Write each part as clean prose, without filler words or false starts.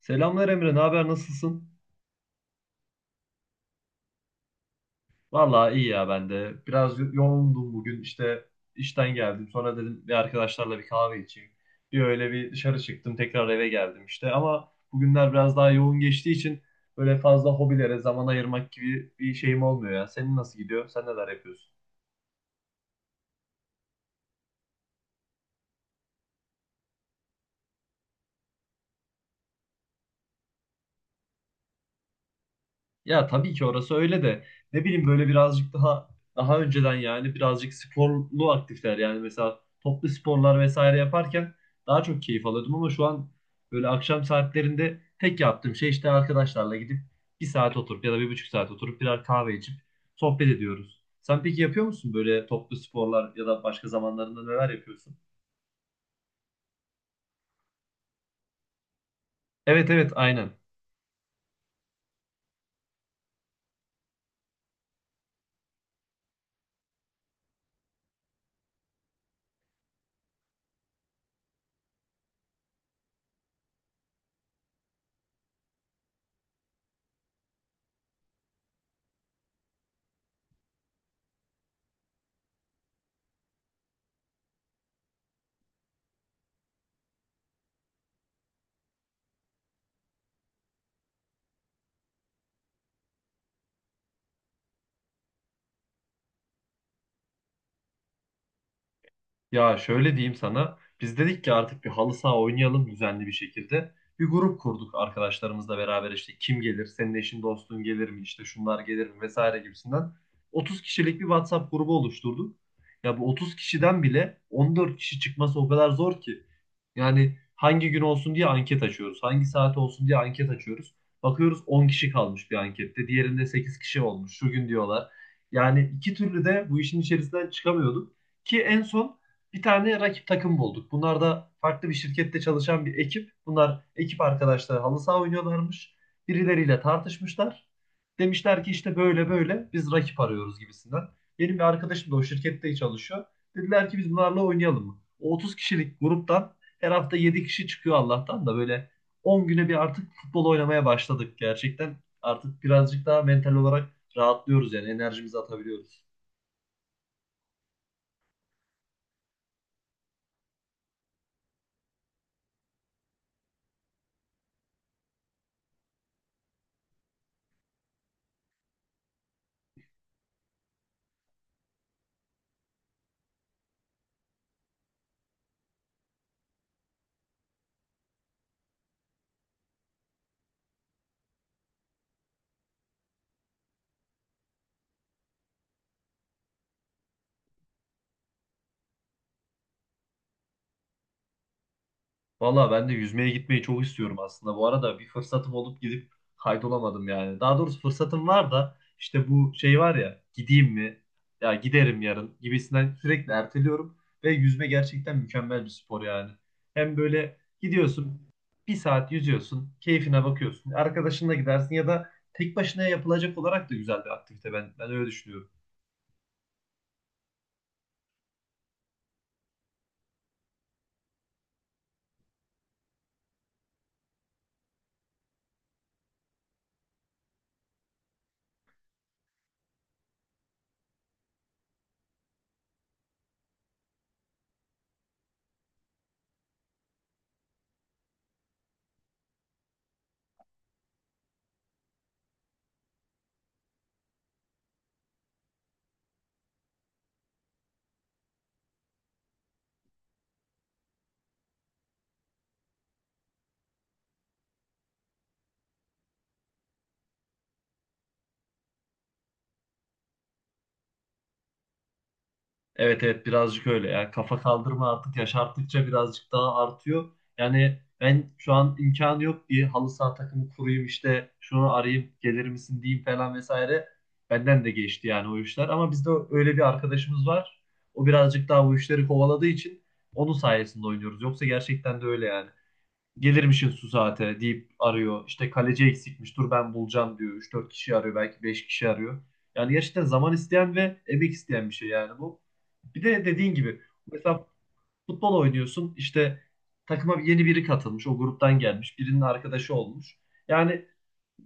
Selamlar Emre, ne haber, nasılsın? Vallahi iyi ya ben de. Biraz yoğundum bugün işte işten geldim. Sonra dedim bir arkadaşlarla bir kahve içeyim. Bir öyle bir dışarı çıktım, tekrar eve geldim işte. Ama bugünler biraz daha yoğun geçtiği için böyle fazla hobilere zaman ayırmak gibi bir şeyim olmuyor ya. Senin nasıl gidiyor? Sen neler yapıyorsun? Ya tabii ki orası öyle de ne bileyim böyle birazcık daha önceden yani birazcık sporlu aktifler yani mesela toplu sporlar vesaire yaparken daha çok keyif alıyordum ama şu an böyle akşam saatlerinde tek yaptığım şey işte arkadaşlarla gidip bir saat oturup ya da bir buçuk saat oturup birer kahve içip sohbet ediyoruz. Sen peki yapıyor musun böyle toplu sporlar ya da başka zamanlarında neler yapıyorsun? Evet evet, aynen. Ya şöyle diyeyim sana. Biz dedik ki artık bir halı saha oynayalım düzenli bir şekilde. Bir grup kurduk arkadaşlarımızla beraber işte kim gelir, senin eşin dostun gelir mi, işte şunlar gelir mi vesaire gibisinden. 30 kişilik bir WhatsApp grubu oluşturduk. Ya bu 30 kişiden bile 14 kişi çıkması o kadar zor ki. Yani hangi gün olsun diye anket açıyoruz. Hangi saat olsun diye anket açıyoruz. Bakıyoruz 10 kişi kalmış bir ankette. Diğerinde 8 kişi olmuş. Şu gün diyorlar. Yani iki türlü de bu işin içerisinden çıkamıyorduk. Ki en son bir tane rakip takım bulduk. Bunlar da farklı bir şirkette çalışan bir ekip. Bunlar ekip arkadaşları halı saha oynuyorlarmış. Birileriyle tartışmışlar. Demişler ki işte böyle böyle biz rakip arıyoruz gibisinden. Benim bir arkadaşım da o şirkette çalışıyor. Dediler ki biz bunlarla oynayalım mı? O 30 kişilik gruptan her hafta 7 kişi çıkıyor Allah'tan da böyle 10 güne bir artık futbol oynamaya başladık gerçekten. Artık birazcık daha mental olarak rahatlıyoruz yani enerjimizi atabiliyoruz. Valla ben de yüzmeye gitmeyi çok istiyorum aslında. Bu arada bir fırsatım olup gidip kaydolamadım yani. Daha doğrusu fırsatım var da işte bu şey var ya gideyim mi? Ya giderim yarın gibisinden sürekli erteliyorum. Ve yüzme gerçekten mükemmel bir spor yani. Hem böyle gidiyorsun bir saat yüzüyorsun keyfine bakıyorsun. Arkadaşınla gidersin ya da tek başına yapılacak olarak da güzel bir aktivite ben öyle düşünüyorum. Evet evet, birazcık öyle. Yani kafa kaldırma artık yaş arttıkça birazcık daha artıyor. Yani ben şu an imkanı yok diye halı saha takımı kurayım işte şunu arayayım gelir misin diyeyim falan vesaire. Benden de geçti yani o işler. Ama bizde öyle bir arkadaşımız var. O birazcık daha o işleri kovaladığı için onun sayesinde oynuyoruz. Yoksa gerçekten de öyle yani gelirmişin su saate deyip arıyor. İşte kaleci eksikmiş dur ben bulacağım diyor. 3-4 kişi arıyor belki 5 kişi arıyor. Yani gerçekten zaman isteyen ve emek isteyen bir şey yani bu. Bir de dediğin gibi mesela futbol oynuyorsun işte takıma yeni biri katılmış o gruptan gelmiş birinin arkadaşı olmuş. Yani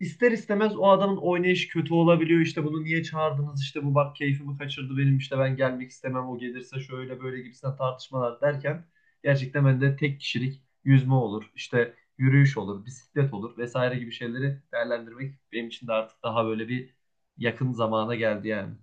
ister istemez o adamın oynayışı kötü olabiliyor. İşte bunu niye çağırdınız? İşte bu bak keyfimi kaçırdı benim işte ben gelmek istemem. O gelirse şöyle böyle gibisinden tartışmalar derken gerçekten ben de tek kişilik yüzme olur. işte yürüyüş olur, bisiklet olur vesaire gibi şeyleri değerlendirmek benim için de artık daha böyle bir yakın zamana geldi yani.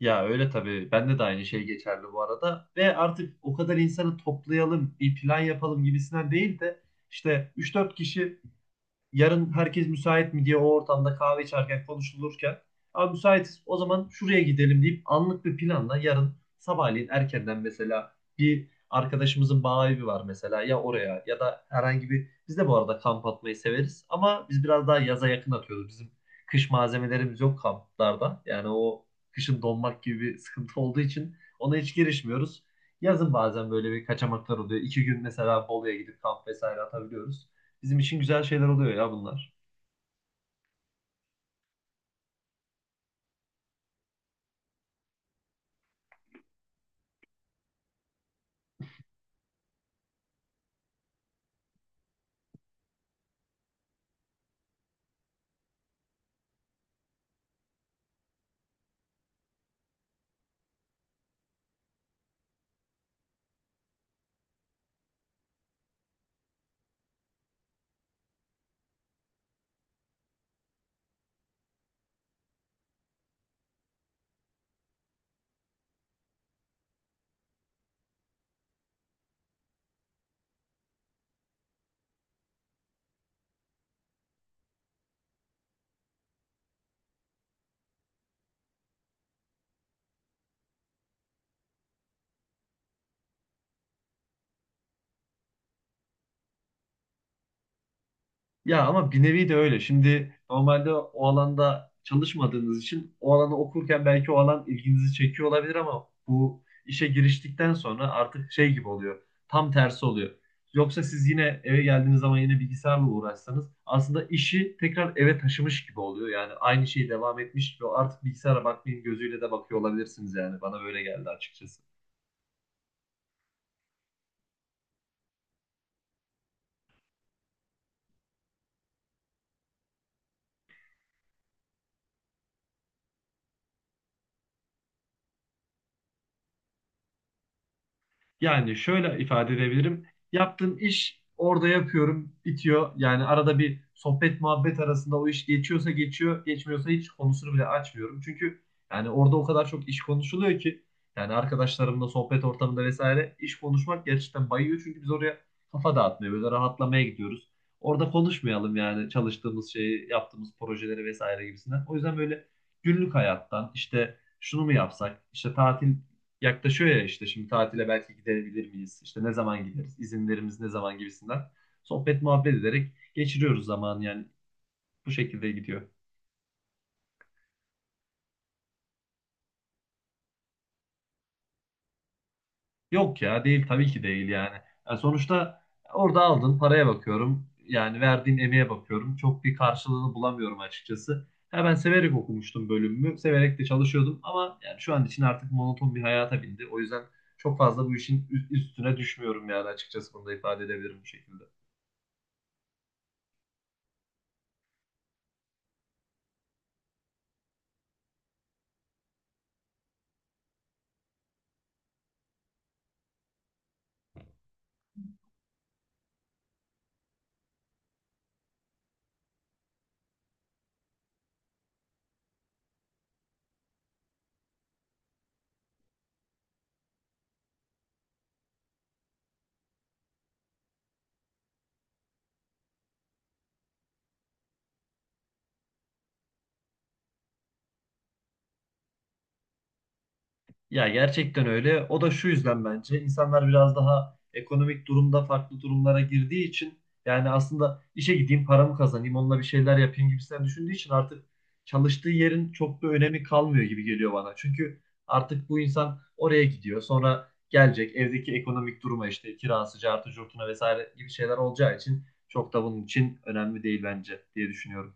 Ya öyle tabii. Bende de aynı şey geçerli bu arada. Ve artık o kadar insanı toplayalım, bir plan yapalım gibisinden değil de işte 3-4 kişi yarın herkes müsait mi diye o ortamda kahve içerken konuşulurken abi müsaitiz. O zaman şuraya gidelim deyip anlık bir planla yarın sabahleyin erkenden mesela bir arkadaşımızın bağ evi var mesela ya oraya ya da herhangi bir biz de bu arada kamp atmayı severiz ama biz biraz daha yaza yakın atıyoruz. Bizim kış malzemelerimiz yok kamplarda. Yani o kışın donmak gibi bir sıkıntı olduğu için ona hiç girişmiyoruz. Yazın bazen böyle bir kaçamaklar oluyor. 2 gün mesela Bolu'ya gidip kamp vesaire atabiliyoruz bizim için güzel şeyler oluyor ya bunlar. Ya ama bir nevi de öyle. Şimdi normalde o alanda çalışmadığınız için o alanı okurken belki o alan ilginizi çekiyor olabilir ama bu işe giriştikten sonra artık şey gibi oluyor. Tam tersi oluyor. Yoksa siz yine eve geldiğiniz zaman yine bilgisayarla uğraşsanız aslında işi tekrar eve taşımış gibi oluyor. Yani aynı şey devam etmiş gibi artık bilgisayara bakmayın gözüyle de bakıyor olabilirsiniz yani. Bana böyle geldi açıkçası. Yani şöyle ifade edebilirim. Yaptığım iş orada yapıyorum, bitiyor. Yani arada bir sohbet muhabbet arasında o iş geçiyorsa geçiyor, geçmiyorsa hiç konusunu bile açmıyorum. Çünkü yani orada o kadar çok iş konuşuluyor ki yani arkadaşlarımla sohbet ortamında vesaire iş konuşmak gerçekten bayıyor. Çünkü biz oraya kafa dağıtmaya, böyle rahatlamaya gidiyoruz. Orada konuşmayalım yani çalıştığımız şeyi, yaptığımız projeleri vesaire gibisinden. O yüzden böyle günlük hayattan işte şunu mu yapsak, işte tatil yaklaşıyor ya işte şimdi tatile belki gidebilir miyiz? İşte ne zaman gideriz? İzinlerimiz ne zaman gibisinden. Sohbet muhabbet ederek geçiriyoruz zamanı yani bu şekilde gidiyor. Yok ya değil tabii ki değil yani. Yani sonuçta orada aldın paraya bakıyorum. Yani verdiğim emeğe bakıyorum. Çok bir karşılığını bulamıyorum açıkçası. Ha, ben severek okumuştum bölümümü. Severek de çalışıyordum ama yani şu an için artık monoton bir hayata bindi. O yüzden çok fazla bu işin üstüne düşmüyorum yani açıkçası bunu da ifade edebilirim bu şekilde. Ya gerçekten öyle. O da şu yüzden bence insanlar biraz daha ekonomik durumda farklı durumlara girdiği için yani aslında işe gideyim paramı kazanayım onunla bir şeyler yapayım gibisinden düşündüğü için artık çalıştığı yerin çok da önemi kalmıyor gibi geliyor bana. Çünkü artık bu insan oraya gidiyor sonra gelecek evdeki ekonomik duruma işte kirası, cartı, curtuna vesaire gibi şeyler olacağı için çok da bunun için önemli değil bence diye düşünüyorum.